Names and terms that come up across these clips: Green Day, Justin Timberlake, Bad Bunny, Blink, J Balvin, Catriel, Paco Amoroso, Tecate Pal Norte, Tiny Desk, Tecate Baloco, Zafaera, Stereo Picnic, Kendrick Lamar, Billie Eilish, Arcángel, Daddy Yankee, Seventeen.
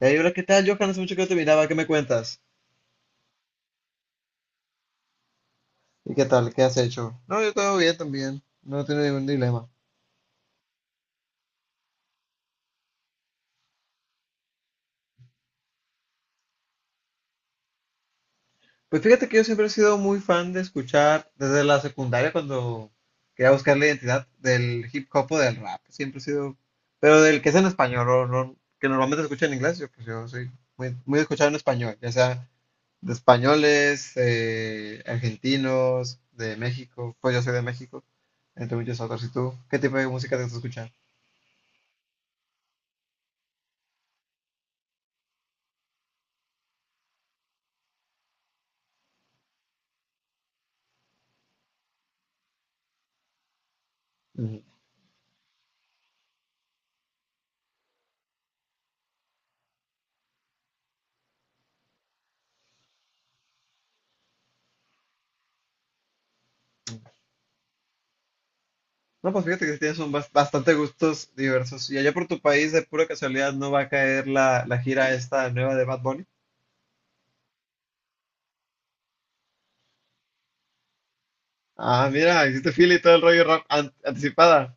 Hey, hola, ¿qué tal, Johan? Hace mucho que no te miraba, ¿qué me cuentas? ¿Y qué tal? ¿Qué has hecho? No, yo todo bien también, no tengo ningún dilema. Pues fíjate que yo siempre he sido muy fan de escuchar desde la secundaria cuando quería buscar la identidad del hip hop o del rap. Siempre he sido, pero del que es en español, o no, que normalmente se escucha en inglés, yo pues yo soy muy, muy escuchado en español, ya sea de españoles, argentinos, de México, pues yo soy de México, entre muchos otros. ¿Y tú? ¿Qué tipo de música te gusta escuchar? No, pues fíjate que sí tienes un bastante gustos diversos. ¿Y allá por tu país, de pura casualidad, no va a caer la gira esta nueva de Bad Bunny? Ah, mira, hiciste fila y todo el rollo anticipada.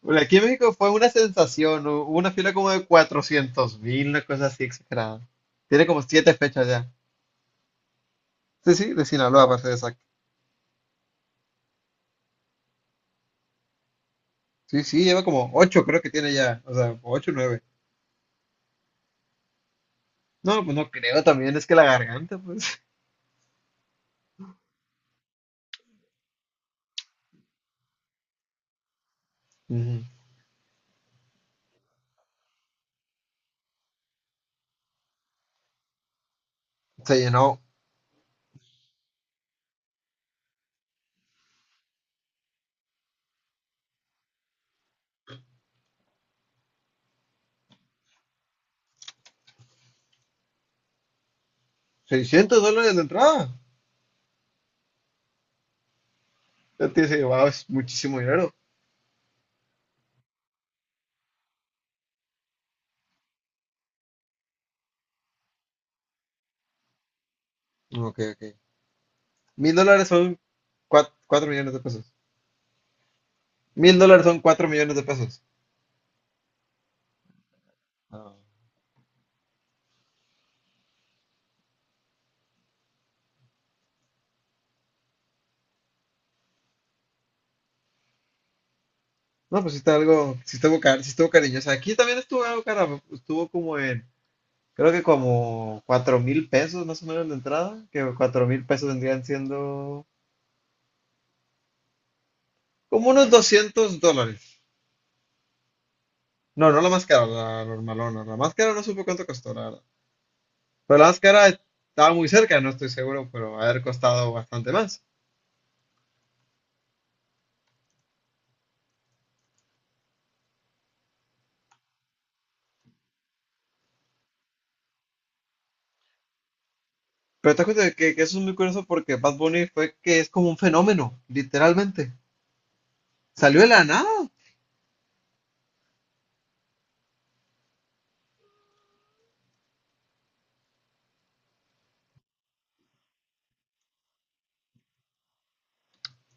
Bueno, aquí en México fue una sensación. Hubo una fila como de 400.000, una cosa así exagerada. Tiene como siete fechas ya. Sí, sí, de Sinaloa, para ser exacto. Sí, sí, lleva como ocho, creo que tiene ya. O sea, ocho, o nueve. No, pues no creo también, es que la garganta, pues. Ujú. Se llenó 600 dólares de entrada. Antes se llevaba muchísimo dinero. Ok, ok. 1.000 dólares son cuatro millones de pesos. 1.000 dólares son 4 millones de pesos. Ah, no, pues sí está algo, sí estuvo, sí estuvo cariñosa. Aquí también estuvo algo cara, estuvo como en, creo que como 4.000 pesos más o menos de entrada, que 4.000 pesos vendrían siendo como unos 200 dólares. No, no la más cara, la normalona. La más cara no supe cuánto costó, la verdad. Pero la más cara estaba muy cerca, no estoy seguro, pero haber costado bastante más. Pero te das cuenta de que eso es muy curioso porque Bad Bunny fue que es como un fenómeno, literalmente. Salió de la nada.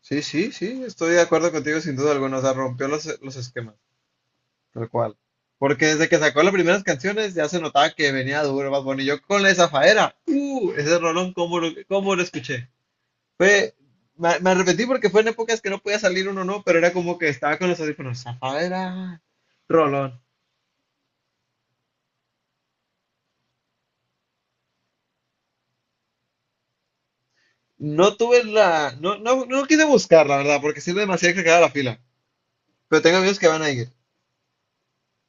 Sí, sí, sí, estoy de acuerdo contigo sin duda alguna. O sea, rompió los esquemas, tal cual. Porque desde que sacó las primeras canciones ya se notaba que venía duro Bad Bunny. Yo con la de Zafaera, ese rolón, ¿cómo lo escuché? Me arrepentí porque fue en épocas que no podía salir uno, no, pero era como que estaba con los audífonos. Zafaera, rolón. No tuve la. No, no, no quise buscar, la verdad, porque sí era demasiado cargada la fila. Pero tengo amigos que van a ir.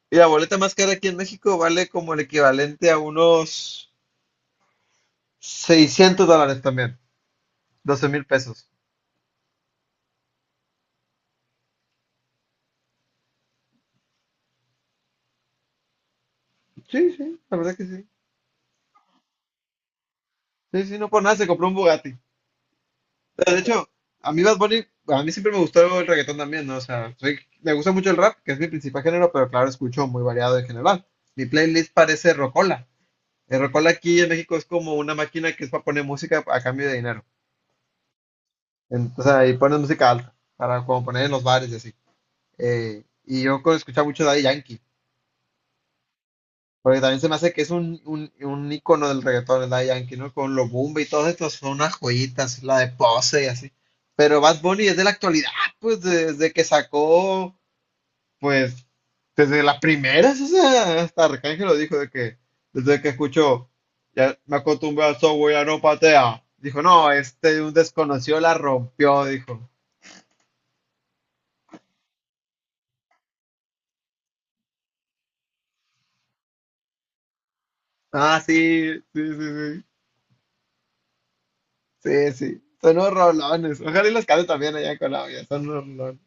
Y la boleta más cara aquí en México vale como el equivalente a unos 600 dólares también. 12.000 pesos. Sí, sí, la verdad que sí. Sí, sí, no por nada se compró un Bugatti. Pero de hecho, a mí Bad Bunny, a mí siempre me gustó el reggaetón también, ¿no? O sea, me gusta mucho el rap, que es mi principal género, pero claro, escucho muy variado en general. Mi playlist parece rocola. El rocola aquí en México es como una máquina que es para poner música a cambio de dinero. O sea, y pones música alta, para como poner en los bares y así. Y yo escuchaba mucho Daddy Yankee, porque también se me hace que es un ícono del reggaetón, el Daddy Yankee, ¿no? Con los Bumba y todos estos son unas joyitas, la de Pose y así. Pero Bad Bunny es de la actualidad, pues desde que sacó, pues desde las primeras, o sea, hasta Arcángel lo dijo, de que desde que escuchó, ya me acostumbré al software, ya no patea. Dijo, no, este un desconocido la rompió, dijo. Ah, sí, sí, sí, sí. Sí, sí. Son unos rolones. Ojalá y los cante también allá en Colombia. Son unos rolones.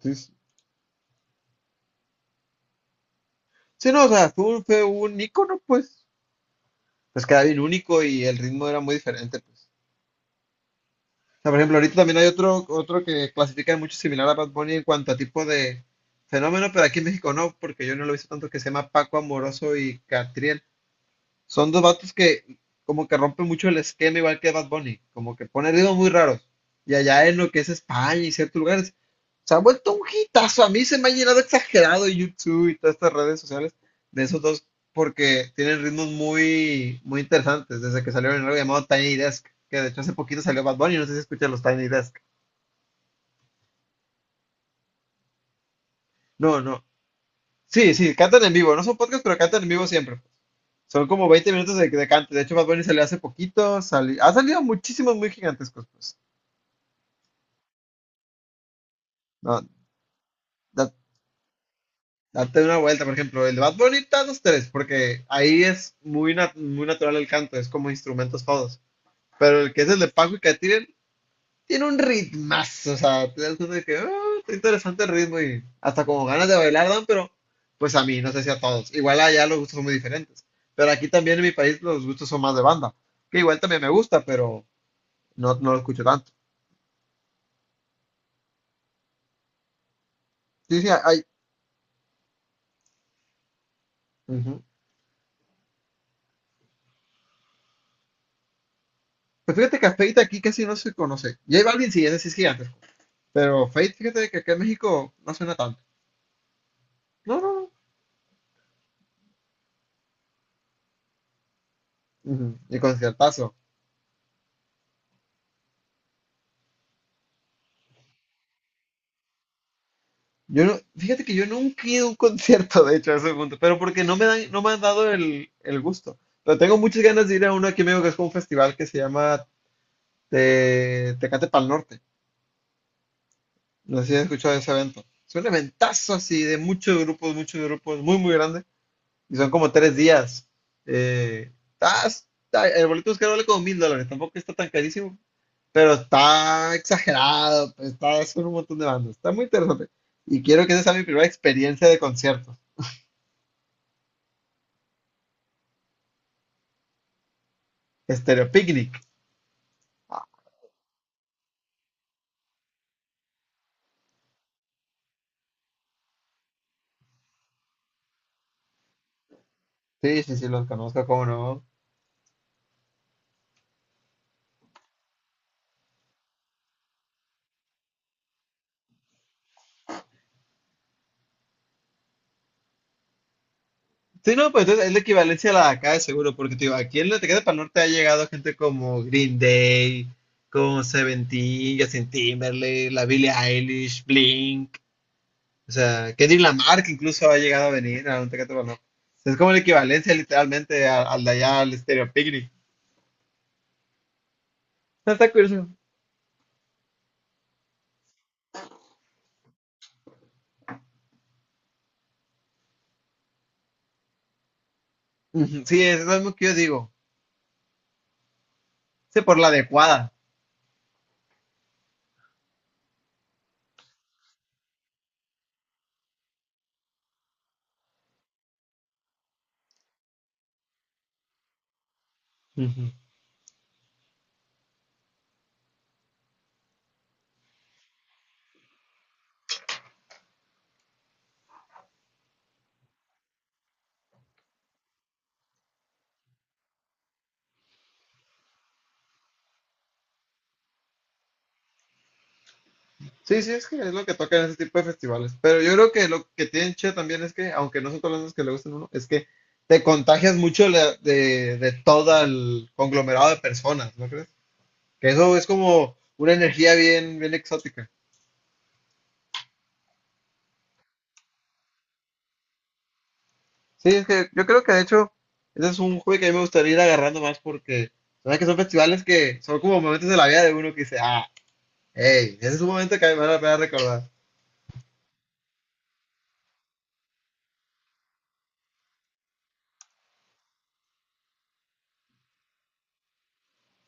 Sí, sí. Sí, no, o sea, fue un ícono, pues. Pues queda bien único y el ritmo era muy diferente, pues. O sea, por ejemplo, ahorita también hay otro que clasifica mucho similar a Bad Bunny en cuanto a tipo de fenómeno, pero aquí en México no, porque yo no lo he visto tanto, que se llama Paco Amoroso y Catriel. Son dos vatos que como que rompen mucho el esquema, igual que Bad Bunny, como que pone ritmos muy raros. Y allá en lo que es España y ciertos lugares, se ha vuelto un hitazo. A mí se me ha llenado exagerado YouTube y todas estas redes sociales de esos dos, porque tienen ritmos muy, muy interesantes. Desde que salieron en algo llamado Tiny Desk, que de hecho hace poquito salió Bad Bunny, no sé si escuchan los Tiny Desk. No, no. Sí, sí, cantan en vivo, no son podcasts, pero cantan en vivo siempre. Son como 20 minutos de cante. De hecho, Bad Bunny salió hace poquito, ha salido muchísimos muy gigantescos, pues. No, da- date una vuelta, por ejemplo, el de Bad Bunny está dos tres, porque ahí es muy natural el canto, es como instrumentos todos. Pero el que es el de Paco y Catirel tiene un ritmazo, o sea, te das cuenta de que "Ah, está interesante el ritmo y hasta como ganas de bailar dan, pero pues a mí, no sé si a todos. Igual allá los gustos son muy diferentes. Pero aquí también en mi país los gustos son más de banda, que igual también me gusta, pero no, no lo escucho tanto. Sí, sí, hay. Ujú. Pues fíjate que a Feita aquí casi no se conoce. J Balvin sí, ese sí es gigante. Pero Fate, fíjate que acá en México no suena tanto. No, no, no. Ujú. Y conciertazo. Yo no, fíjate que yo nunca he ido a un concierto, de hecho, a ese punto, pero porque no me dan, no me han dado el gusto. Pero tengo muchas ganas de ir a uno aquí en México que es como un festival que se llama Tecate Pal Norte. No sé si has escuchado de ese evento. Es un eventazo así de muchos grupos, muy, muy grande. Y son como 3 días. El boleto es que vale como 1.000 dólares, tampoco está tan carísimo, pero está exagerado, pues, está con un montón de bandas, está muy interesante. Y quiero que esa sea mi primera experiencia de concierto. Stereo Picnic. Sí, sí, sí, los conozco, cómo no. Sí, no, pues entonces es la equivalencia a la de acá de seguro, porque te digo, aquí en la Tecate para Norte ha llegado gente como Green Day, como Seventeen, Justin Timberlake, la Billie Eilish, Blink. O sea, Kendrick Lamar, que incluso ha llegado a venir a un Tecate Baloco. Es como la equivalencia literalmente al de allá, al Stereo Picnic. No, está curioso. Ujú. Sí, es lo mismo que yo digo. Sí, por la adecuada. Ujú. Sí, sí, es que es lo que toca en ese tipo de festivales. Pero yo creo que lo que tienen chido también es que, aunque no son todas las bandas que le gustan a uno, es que te contagias mucho de todo el conglomerado de personas, ¿no crees? Que eso es como una energía bien, bien exótica. Sí, es que yo creo que de hecho ese es un hobby que a mí me gustaría ir agarrando más porque sabes que son festivales que son como momentos de la vida de uno que dice, ah, hey, ese es un momento que a mí me vale la pena recordar.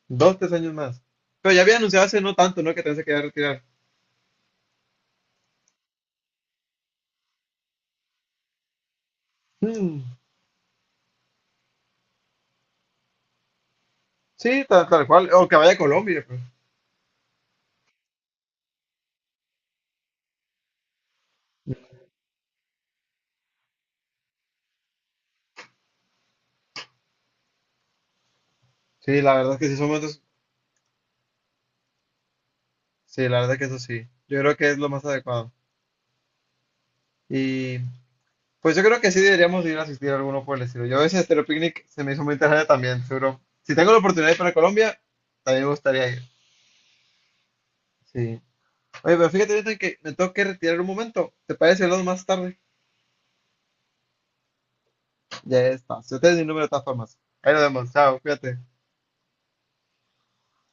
Dos, tres años más. Pero ya había anunciado hace no tanto, ¿no? Que también se quería retirar. Mm, sí, tal cual. O que vaya a Colombia, pues. Sí, la verdad es que sí son momentos. Sí, la verdad es que eso sí. Yo creo que es lo más adecuado. Y pues yo creo que sí deberíamos ir a asistir a alguno por el estilo. Yo ese Estéreo Picnic se me hizo muy interesante también, seguro. Si tengo la oportunidad de ir para Colombia, también me gustaría ir. Sí. Oye, pero fíjate, Jonathan, que me tengo que retirar un momento. ¿Te parece que hablamos más tarde? Ya está. Si ustedes mi número de todas formas. Ahí nos vemos. Chao, cuídate.